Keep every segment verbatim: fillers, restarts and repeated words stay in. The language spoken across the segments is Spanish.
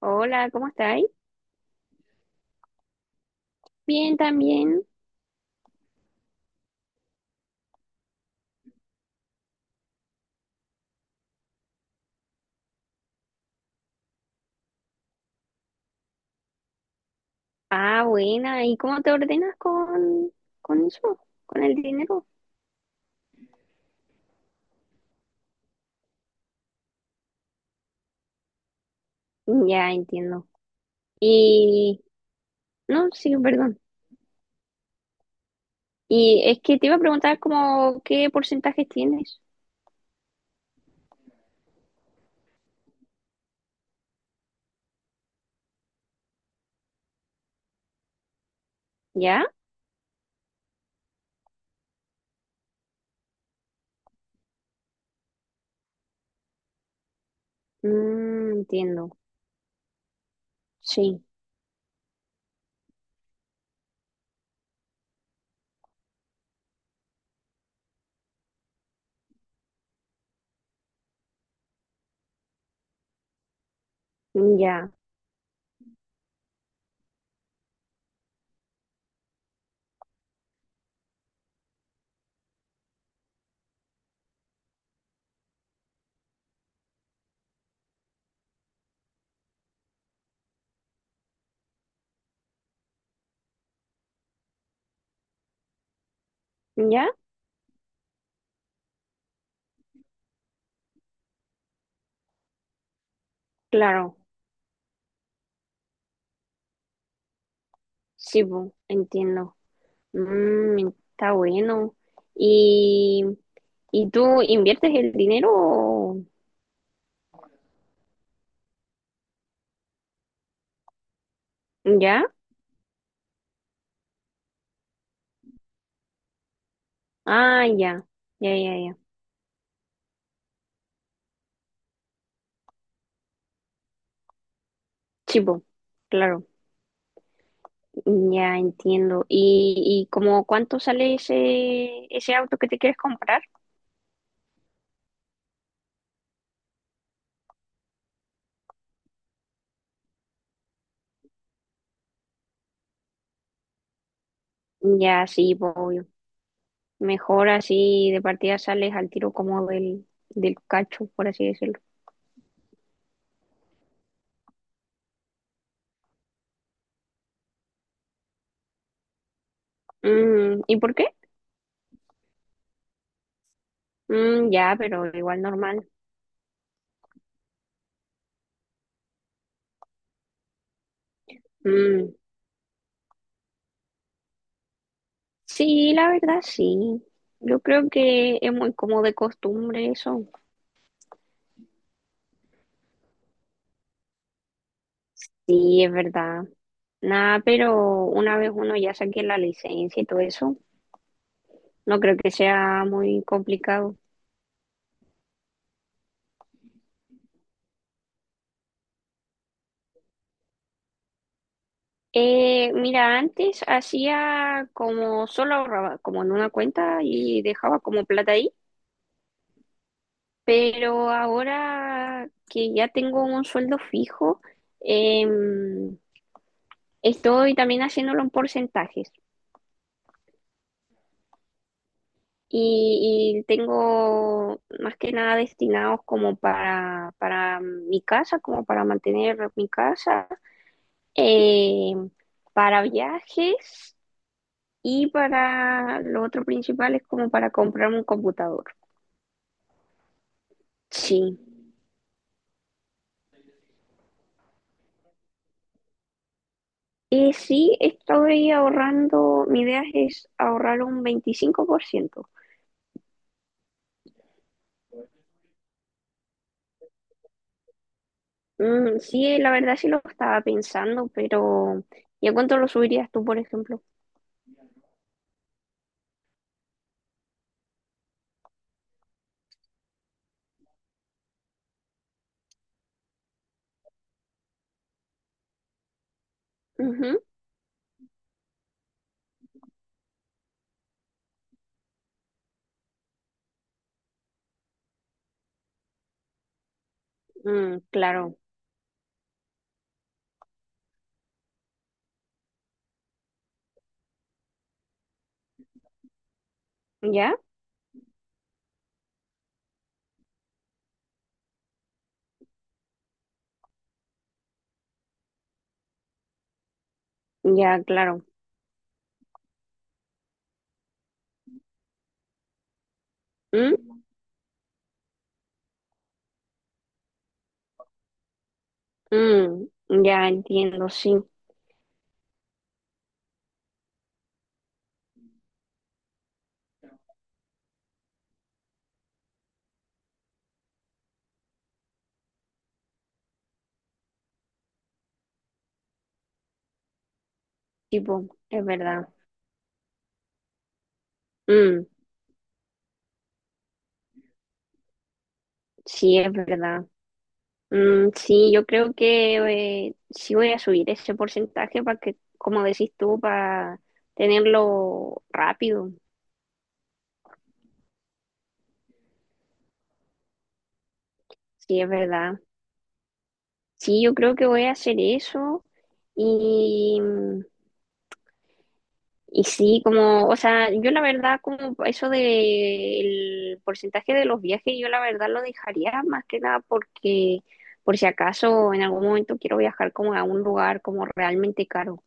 Hola, ¿cómo estáis? Bien, también. Ah, buena. ¿Y cómo te ordenas con, con eso? ¿Con el dinero? Ya entiendo. Y, no, sí, perdón. Y es que te iba a preguntar como qué porcentajes tienes. ¿Ya? Mm, entiendo. Sí, ya. ¿Ya? Claro. Sí, bu, entiendo. Mm, está bueno. ¿Y, y tú inviertes el dinero? o- ¿Ya? Ah, ya. Ya, ya, ya. Chivo, claro, ya entiendo. ¿Y, y como cuánto sale ese, ese auto que te quieres comprar? Ya, sí, po, obvio. Mejor así de partida sales al tiro como del, del cacho, por así decirlo. Mm, ¿y por qué? Mm, ya, pero igual normal. Mm, sí, la verdad, sí. Yo creo que es muy como de costumbre eso. Sí, es verdad. Nada, pero una vez uno ya saque la licencia y todo eso, no creo que sea muy complicado. Eh, mira, antes hacía como solo ahorraba, como en una cuenta y dejaba como plata ahí, pero ahora que ya tengo un sueldo fijo, em, estoy también haciéndolo en porcentajes y, y tengo más que nada destinados como para, para mi casa, como para mantener mi casa, em, para viajes y para lo otro principal es como para comprarme un computador. Sí. Y sí, estoy ahorrando, mi idea es ahorrar un veinticinco por ciento. Mm, sí, la verdad sí lo estaba pensando, pero ¿y a cuánto lo subirías tú, por ejemplo? Ujú, mm, claro, ¿ya? Ya, claro. Mm, mm, ya entiendo, sí, tipo, es verdad. Mm, sí, es verdad. Mm, sí, yo creo que eh, sí voy a subir ese porcentaje para que, como decís tú, para tenerlo rápido. Sí, es verdad. Sí, yo creo que voy a hacer eso. Y, y sí, como, o sea, yo la verdad, como eso del porcentaje de los viajes, yo la verdad lo dejaría más que nada porque por si acaso en algún momento quiero viajar como a un lugar como realmente caro.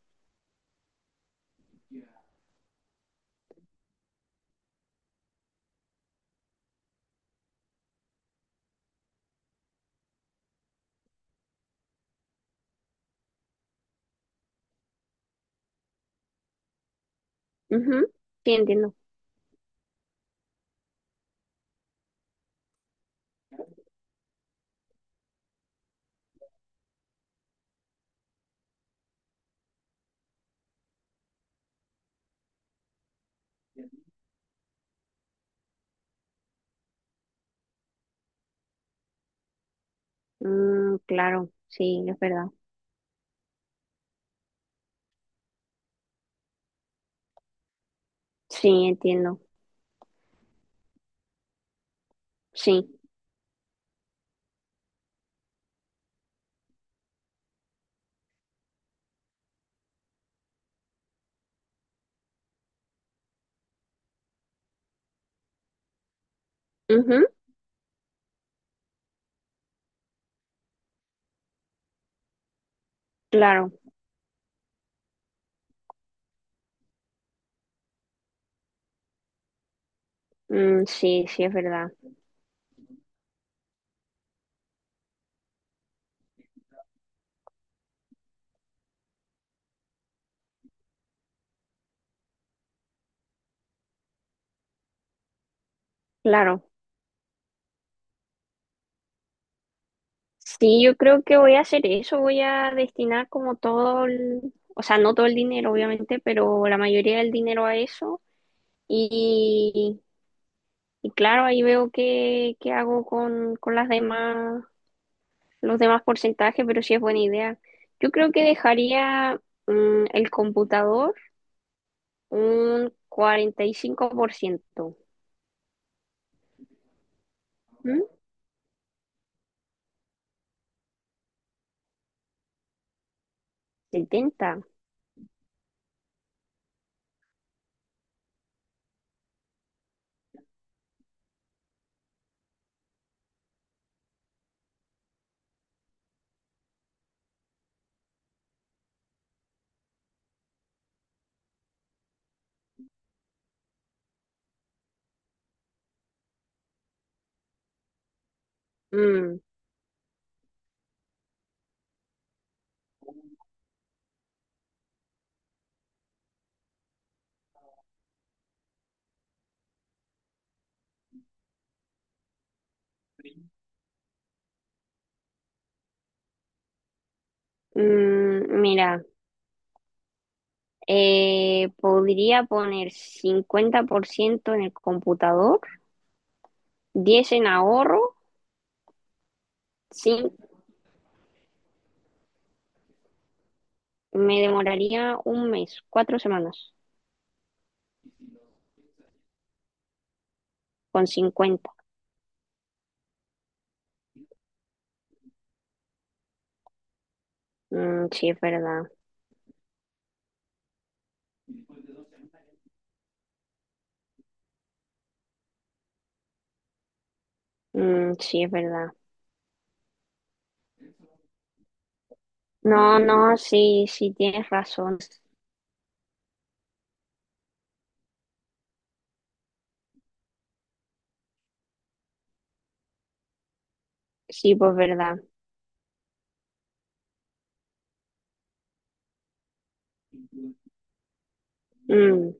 Ujú, sí, entiendo. Mm, claro, sí, es verdad. Sí, entiendo. Sí. Ujú, claro. Mm, sí, sí, es verdad. Claro. Sí, yo creo que voy a hacer eso, voy a destinar como todo el, o sea, no todo el dinero, obviamente, pero la mayoría del dinero a eso. Y, y claro, ahí veo qué, qué hago con, con las demás, los demás porcentajes, pero sí es buena idea. Yo creo que dejaría mm, el computador un cuarenta y cinco por ciento. ¿Mm? ¿setenta? Mm, mm, mira. Eh, podría poner cincuenta por ciento en el computador, diez en ahorro, sí, me demoraría un mes, cuatro semanas, con cincuenta. Mm, sí, es verdad. Mm, sí, es verdad. No, no, sí, sí, tienes razón. Sí, pues verdad. Mm,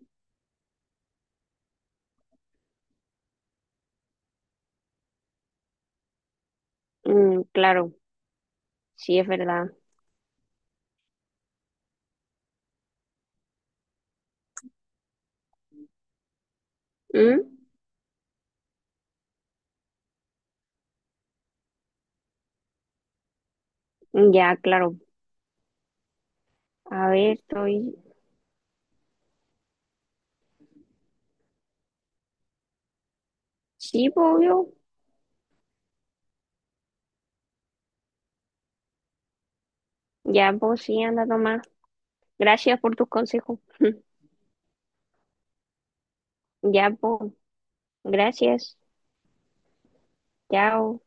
mm, claro, sí, es verdad. Mm, ya, claro. A ver, estoy. Sí, pues obvio. Ya, pues sí, anda a tomar. Gracias por tus consejos. Ya, pues. Gracias. Chao.